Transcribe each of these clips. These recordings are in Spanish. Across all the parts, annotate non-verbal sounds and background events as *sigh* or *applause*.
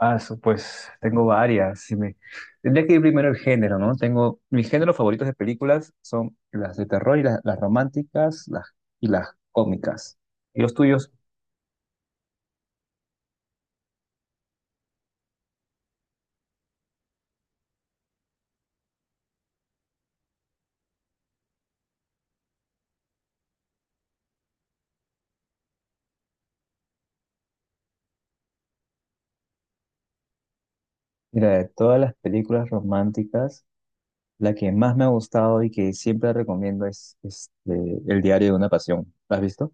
Ah, pues tengo varias. Si me... Tendría que ir primero el género, ¿no? Tengo mis géneros favoritos de películas son las de terror y las románticas y las cómicas. ¿Y los tuyos? Mira, de todas las películas románticas, la que más me ha gustado y que siempre recomiendo es, El diario de una pasión. ¿La has visto?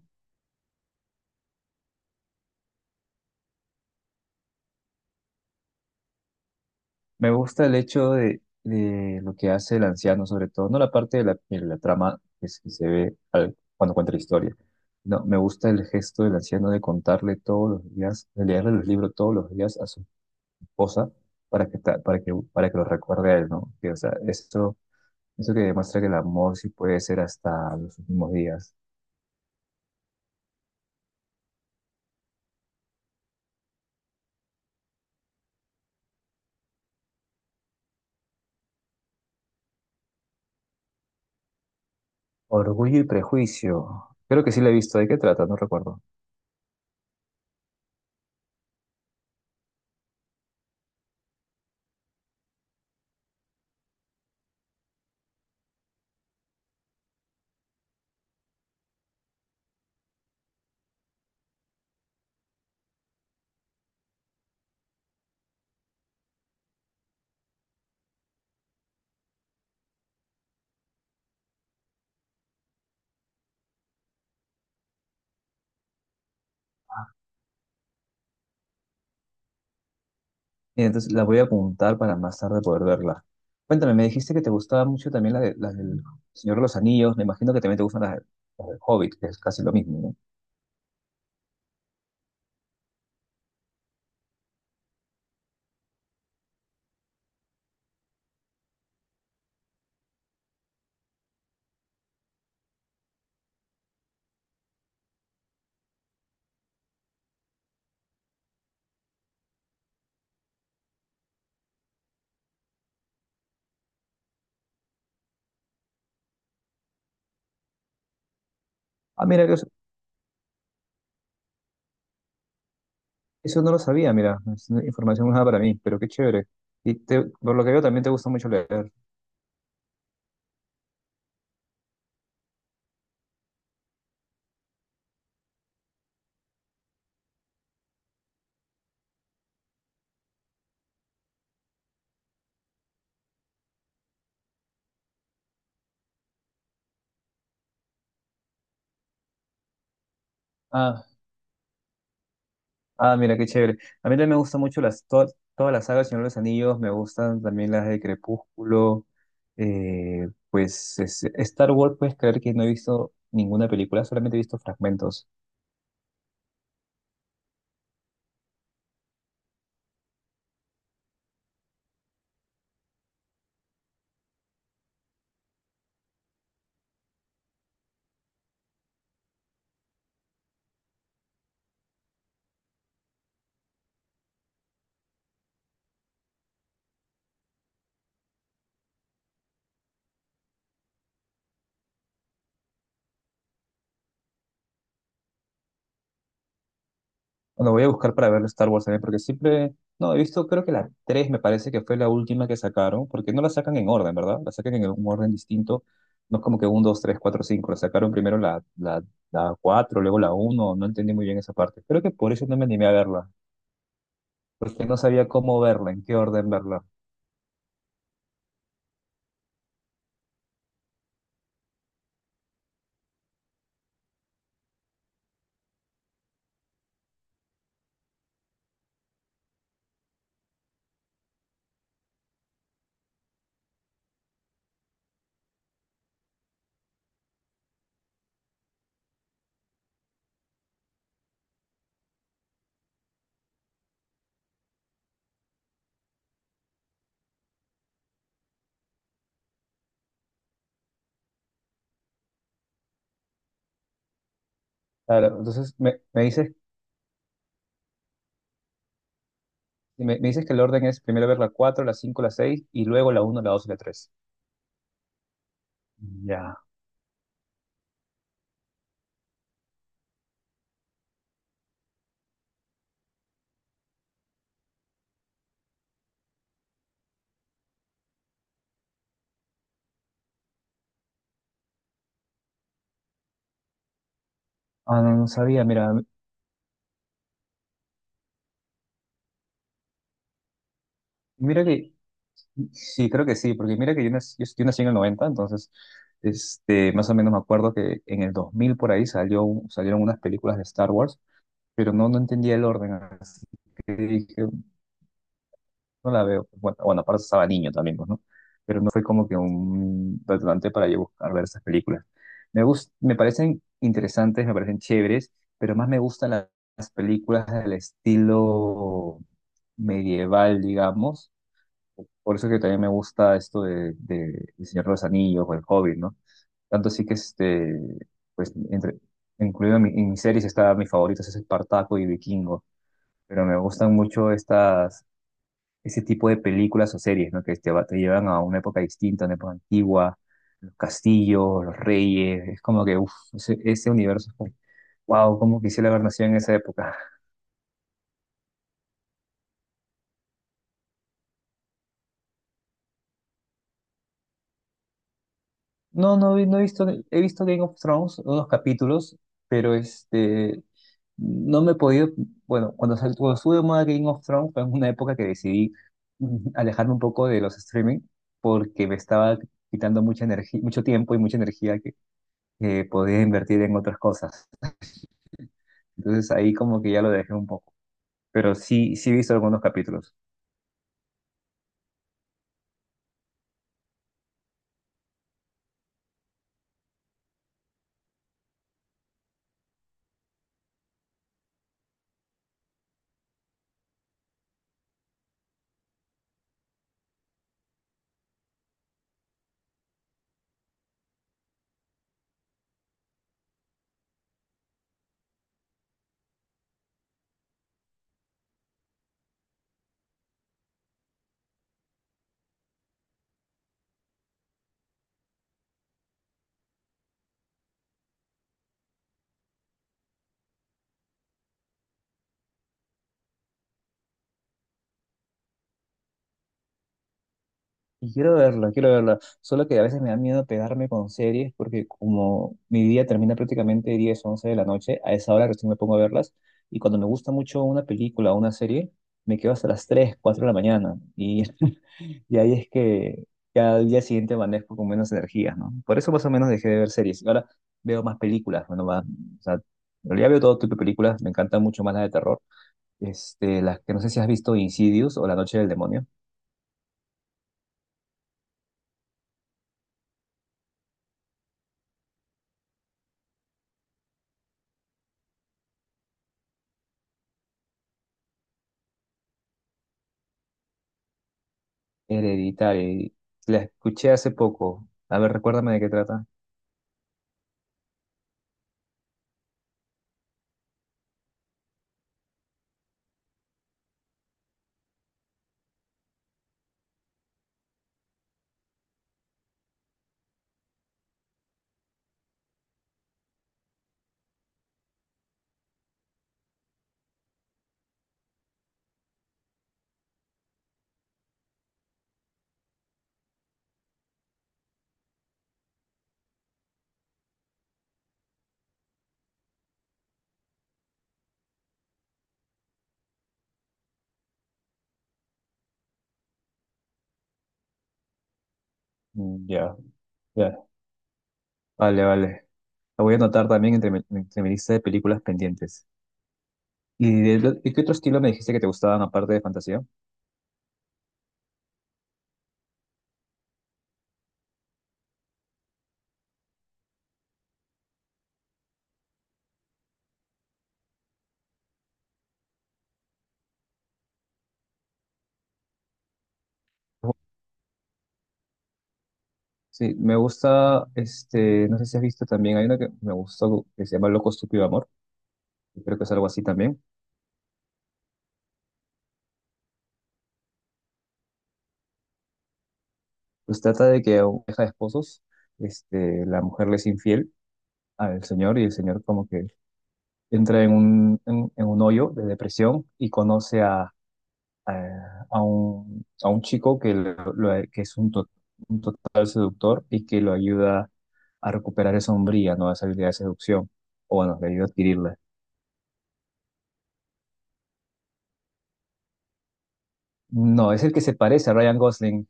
Me gusta el hecho de lo que hace el anciano, sobre todo, no la parte de la trama que se ve cuando cuenta la historia. No, me gusta el gesto del anciano de contarle todos los días, de leerle los libros todos los días a su esposa para que, ta- para que lo recuerde a él, ¿no? Que, o sea, eso que demuestra que el amor sí puede ser hasta los últimos días. Orgullo y prejuicio. Creo que sí lo he visto. ¿De qué trata? No recuerdo. Mira, entonces la voy a apuntar para más tarde poder verla. Cuéntame, me dijiste que te gustaba mucho también la del Señor de los Anillos. Me imagino que también te gustan las del Hobbit, que es casi lo mismo, ¿no? Ah, mira, eso no lo sabía, mira. Es una información nueva para mí, pero qué chévere. Y por lo que veo también te gusta mucho leer. Ah, ah, mira, qué chévere. A mí también me gustan mucho todas las sagas del Señor de los Anillos. Me gustan también las de Crepúsculo. Pues Star Wars, puedes creer que no he visto ninguna película, solamente he visto fragmentos. Lo voy a buscar para ver Star Wars también, porque siempre, no, he visto, creo que la 3 me parece que fue la última que sacaron, porque no la sacan en orden, ¿verdad? La sacan en un orden distinto, no es como que 1, dos, tres, cuatro, cinco. La sacaron primero la cuatro, luego la uno. No entendí muy bien esa parte. Creo que por eso no me animé a verla, porque no sabía cómo verla, en qué orden verla. Claro, entonces me dices que el orden es primero ver la cuatro, la cinco, la 6 y luego la uno, la 2 y la tres. Ya, ah, no, no sabía, mira, mira que... Sí, creo que sí, porque mira que yo nací en el noventa. Entonces más o menos me acuerdo que en el 2000 por ahí salieron unas películas de Star Wars, pero no entendía el orden, así que dije, no la veo. Bueno, bueno, aparte estaba niño también, pues, ¿no? Pero no fue como que un detonante para yo buscar ver esas películas. Me parecen interesantes, me parecen chéveres, pero más me gustan las películas del estilo medieval, digamos, por eso que también me gusta esto de El Señor de los Anillos o El Hobbit, ¿no? Tanto así que, pues, incluido en mis series está mis favoritos, es Espartaco y Vikingo, pero me gustan mucho ese tipo de películas o series, ¿no? Que te llevan a una época distinta, una época antigua, los castillos, los reyes, es como que, uff, ese universo es como, wow, cómo quisiera haber nacido en esa época. No, no, no he visto, he visto Game of Thrones, unos capítulos, pero no me he podido, bueno, cuando estuve de moda Game of Thrones fue en una época que decidí alejarme un poco de los streaming porque me estaba quitando mucha energía, mucho tiempo y mucha energía que podía invertir en otras cosas. Entonces ahí como que ya lo dejé un poco, pero sí, sí he visto algunos capítulos. Y quiero verla, quiero verla. Solo que a veces me da miedo pegarme con series porque como mi día termina prácticamente 10, 11 de la noche, a esa hora recién me pongo a verlas. Y cuando me gusta mucho una película o una serie, me quedo hasta las 3, 4 de la mañana. Y, *laughs* y ahí es que ya al día siguiente amanezco con menos energía, ¿no? Por eso más o menos dejé de ver series. Ahora veo más películas. Bueno, va, o sea, en realidad veo todo tipo de películas. Me encantan mucho más las de terror. Las que no sé si has visto Insidious o La Noche del Demonio. Hereditaria. La escuché hace poco. A ver, recuérdame de qué trata. Mm, ya, ya. Vale, vale. La voy a anotar también entre mi lista de películas pendientes. ¿Y de qué otro estilo me dijiste que te gustaban aparte de fantasía? Sí, me gusta, no sé si has visto también, hay una que me gustó que se llama Loco, Estúpido Amor, que creo que es algo así también. Pues trata de que a una pareja de esposos, la mujer le es infiel al señor y el señor como que entra en un hoyo de depresión y conoce a un chico que es un total seductor y que lo ayuda a recuperar esa hombría, ¿no? Esa habilidad de seducción. O bueno, le ayuda a adquirirla. No, es el que se parece a Ryan Gosling.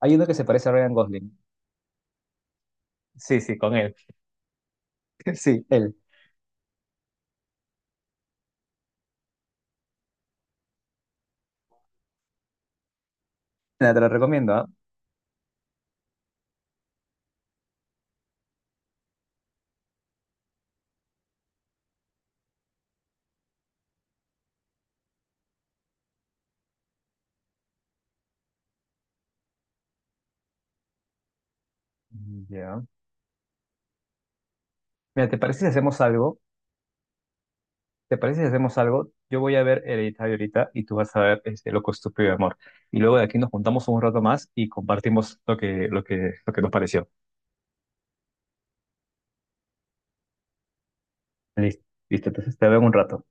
Hay uno que se parece a Ryan Gosling. Sí, sí, con él. *laughs* Sí, él. Mira, te lo recomiendo, ¿ah? Ya. Mira, ¿te parece si hacemos algo? ¿Te parece si hacemos algo? Yo voy a ver Hereditario ahorita y tú vas a ver este Loco, Estúpido de Amor. Y luego de aquí nos juntamos un rato más y compartimos lo que nos pareció. Listo, listo, entonces te veo en un rato.